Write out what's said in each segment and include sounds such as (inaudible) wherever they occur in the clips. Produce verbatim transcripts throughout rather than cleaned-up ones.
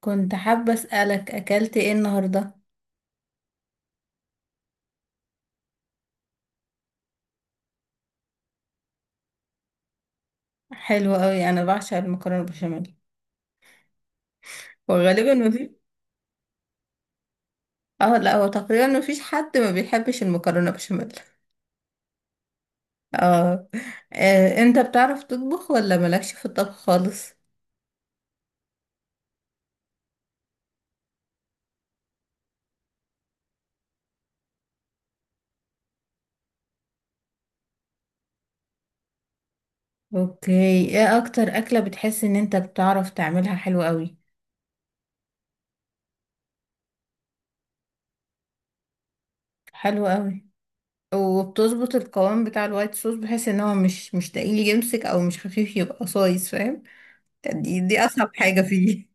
كنت حابة أسألك، أكلت إيه النهاردة؟ حلو أوي، أنا بعشق المكرونة بشاميل. وغالبا ما في، اه لا، هو تقريبا ما فيش حد ما بيحبش المكرونة بشاميل. (laughs) اه. آه، انت بتعرف تطبخ ولا مالكش في الطبخ خالص؟ اوكي. ايه أكتر أكلة بتحس إن انت بتعرف تعملها حلو أوي؟ حلو أوي. وبتظبط القوام بتاع الوايت صوص بحيث ان هو مش مش تقيل يمسك او مش خفيف يبقى صايص، فاهم؟ دي دي اصعب حاجة فيه.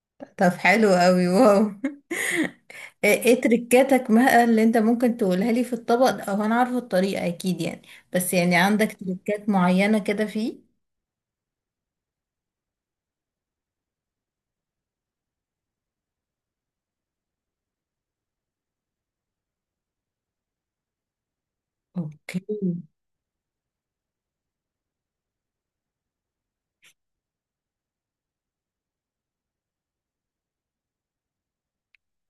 (laughs) طب حلو أوي، واو. ايه إيه تريكاتك بقى اللي انت ممكن تقولها لي في الطبق، او انا عارفه الطريقه اكيد يعني، بس يعني عندك تريكات معينه كده فيه. اوكي.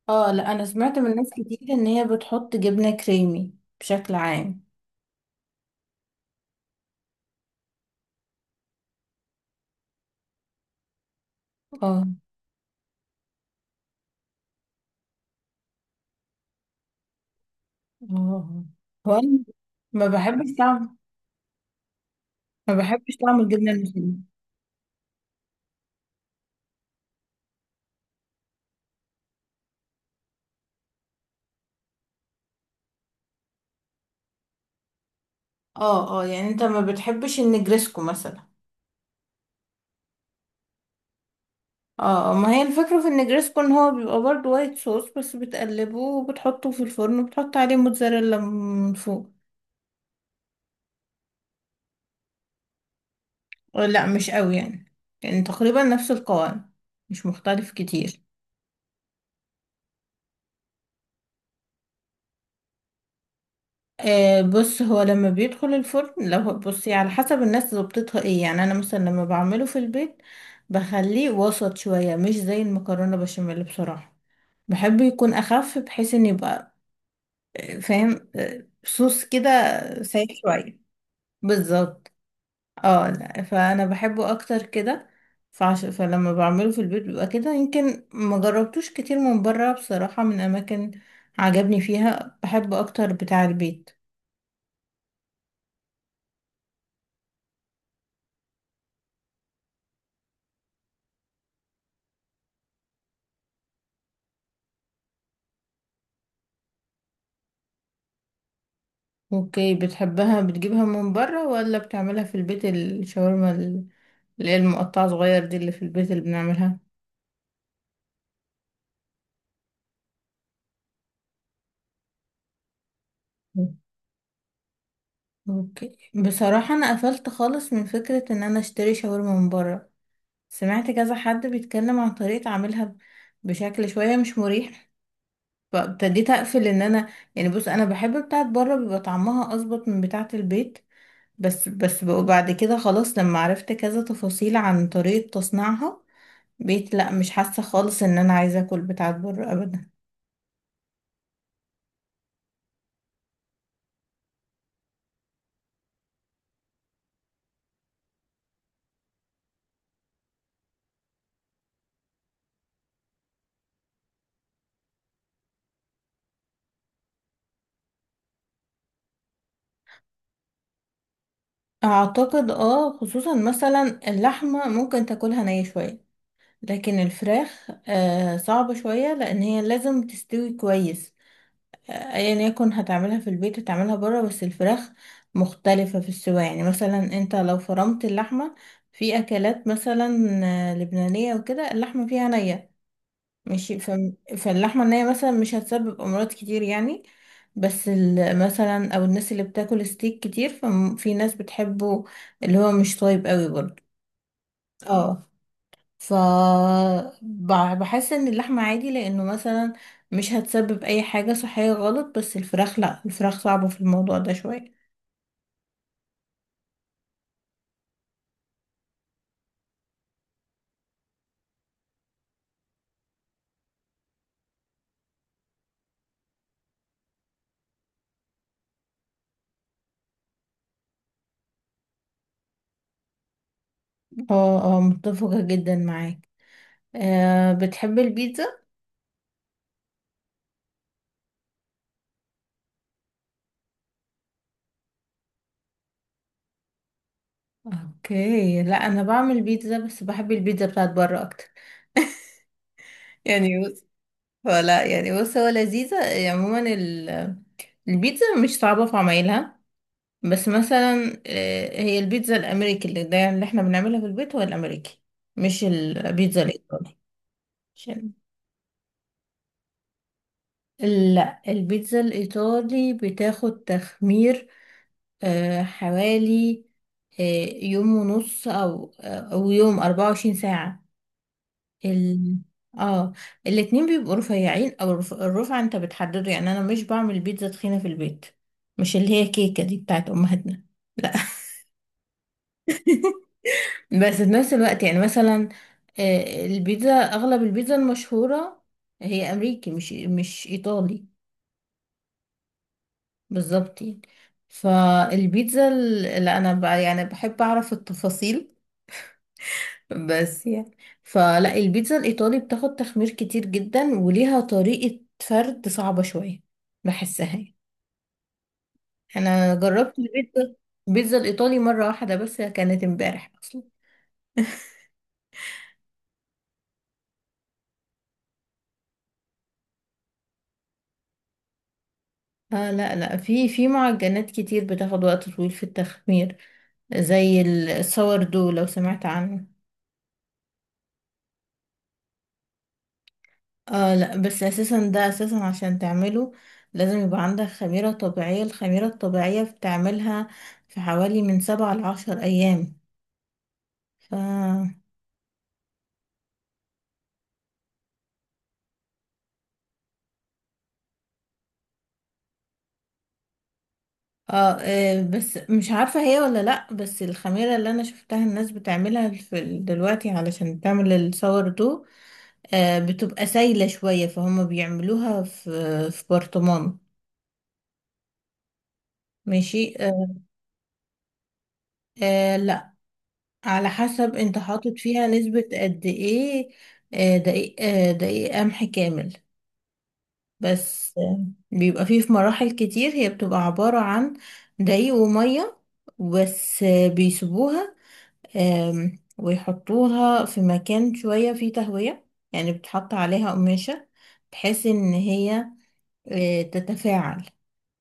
اه لا، انا سمعت من ناس كتير ان هي بتحط جبنه كريمي بشكل عام. اه. اه، هو انا ما بحبش طعم، ما بحبش طعم الجبنه المشلتت. اه اه، يعني انت ما بتحبش النجرسكو مثلا؟ اه، ما هي الفكره في النجرسكو ان هو بيبقى برضه وايت صوص، بس بتقلبه وبتحطه في الفرن وبتحط عليه موتزاريلا من فوق. لا مش قوي يعني، يعني تقريبا نفس القوام، مش مختلف كتير. آه بص، هو لما بيدخل الفرن لو بصي على حسب الناس ظبطتها ايه، يعني انا مثلا لما بعمله في البيت بخليه وسط شوية، مش زي المكرونة بشاميل بصراحة. بحب يكون اخف بحيث ان يبقى آه، فاهم، آه، صوص كده سايح شوية بالظبط. اه لا، فانا بحبه اكتر كده. فعش... فلما بعمله في البيت بيبقى كده. يمكن ما جربتوش كتير من بره بصراحة، من اماكن عجبني فيها، بحب اكتر بتاع البيت. اوكي، بتحبها بتجيبها من بره ولا بتعملها في البيت الشاورما ال- اللي هي المقطعة صغير دي اللي في البيت اللي بنعملها؟ اوكي بصراحة، انا قفلت خالص من فكرة ان انا اشتري شاورما من بره. سمعت كذا حد بيتكلم عن طريقة عملها بشكل شوية مش مريح، فابتديت اقفل ان انا، يعني بص، انا بحب بتاعت بره، بيبقى طعمها اظبط من بتاعت البيت، بس بس بقى بعد كده خلاص، لما عرفت كذا تفاصيل عن طريقة تصنيعها بقيت لا، مش حاسة خالص ان انا عايزة اكل بتاعت بره ابدا. اعتقد اه، خصوصا مثلا اللحمة ممكن تاكلها نية شوية، لكن الفراخ آه صعبة شوية لان هي لازم تستوي كويس. ايا يكن هتعملها في البيت هتعملها بره، بس الفراخ مختلفة في السوا. يعني مثلا انت لو فرمت اللحمة في اكلات مثلا آه، لبنانية وكده، اللحمة فيها نية ماشي. ف- فاللحمة النية مثلا مش هتسبب امراض كتير يعني، بس ال- مثلا او الناس اللي بتاكل ستيك كتير، ففي ناس بتحبه اللي هو مش طيب قوي برضه. اه. ف ب- بحس ان اللحمة عادي لانه مثلا مش هتسبب اي حاجة صحية غلط، بس الفراخ لا، الفراخ صعبة في الموضوع ده شوية. اه اه، متفقة جدا معاك. أه، بتحب البيتزا؟ اوكي، لا انا بعمل بيتزا، بس بحب البيتزا بتاعت بره اكتر. (laughs) يعني بص، فلا يعني بص، هو لذيذة يعني عموما ال- البيتزا مش صعبة في عمايلها. بس مثلا آه، هي البيتزا الامريكي اللي ده اللي احنا بنعملها في البيت هو الامريكي، مش البيتزا الايطالي، عشان، لا البيتزا الإيطالي بتاخد تخمير آه، حوالي آه، يوم ونص، أو آه، أو يوم، أربعة وعشرين ساعة. ال... اه، الاتنين بيبقوا رفيعين، أو الرف- الرفعة أنت بتحدده. يعني أنا مش بعمل بيتزا تخينة في البيت، مش اللي هي كيكة دي بتاعت أمهاتنا، لا. (laughs) بس في نفس الوقت يعني مثلا، آه، البيتزا، أغلب البيتزا المشهورة هي أمريكي، مش مش إيطالي. بالظبط يعني. فالبيتزا ال- لا انا بقى يعني بحب اعرف التفاصيل، بس يعني، فلا البيتزا الايطالي بتاخد تخمير كتير جدا وليها طريقة فرد صعبة شوية، بحسها يعني. انا جربت البيتزا، البيتزا الايطالي مرة واحدة، بس كانت امبارح اصلا. آه لا لا، في في معجنات كتير بتاخد وقت طويل في التخمير، زي الساوردو لو سمعت عنه. اه لا، بس اساسا ده اساسا عشان تعمله لازم يبقى عندك خميرة طبيعية، الخميرة الطبيعية بتعملها في حوالي من سبعة لعشر ايام. ف اه. آه، بس مش عارفة هي ولا لا، بس الخميرة اللي انا شفتها الناس بتعملها في ال- دلوقتي علشان تعمل الصور دو، آه بتبقى سايلة شوية، فهم بيعملوها في في برطمان، ماشي آه. آه، على حسب انت حاطط فيها نسبة قد ايه، آه، دقيق، آه، دقيق قمح كامل، بس آه، بيبقى فيه، في مراحل كتير هي بتبقى عبارة عن دقيق ومية بس. آه، بيسيبوها، آم، ويحطوها في مكان شوية فيه تهوية، يعني بتحط عليها قماشة بحيث ان هي آه، تتفاعل.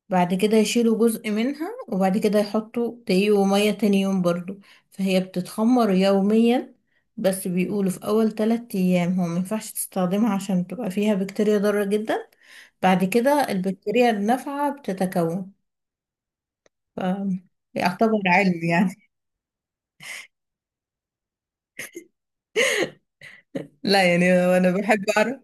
بعد كده يشيلوا جزء منها، وبعد كده يحطوا دقيق ومية تاني يوم برضو، فهي بتتخمر يوميا. بس بيقولوا في أول تلات أيام هو مينفعش تستخدمها عشان بتبقى فيها بكتيريا ضارة جدا، بعد كده البكتيريا النافعة بتتكون. ف يعتبر علم يعني. لا يعني أنا بحب أعرف.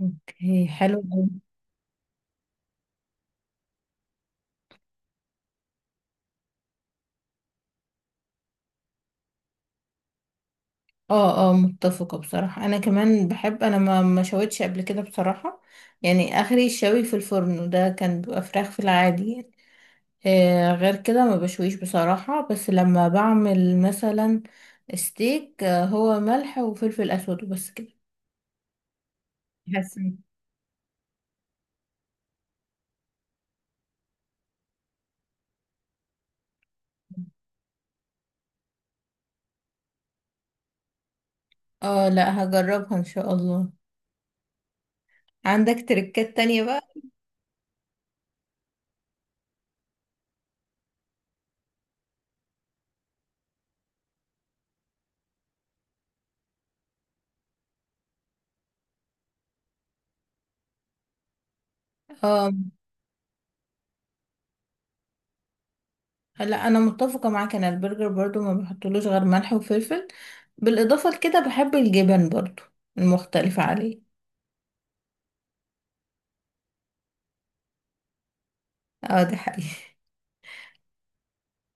اوكي حلو أوي. اه اه متفقة بصراحة. أنا كمان بحب، أنا ما ما شويتش قبل كده بصراحة، يعني آخري الشوي في الفرن وده كان بيبقى فراخ في العادي يعني. آه، غير كده ما بشويش بصراحة، بس لما بعمل مثلا ستيك، آه، هو ملح وفلفل اسود وبس كده. حاسه إن- اه لا، هجربها ان شاء الله. عندك تركات تانية بقى؟ اه لا، انا متفقة معاك، انا البرجر برضو ما بحطلوش غير ملح وفلفل، بالاضافة لكده بحب الجبن برضو المختلفة عليه. اه، ده حقيقي.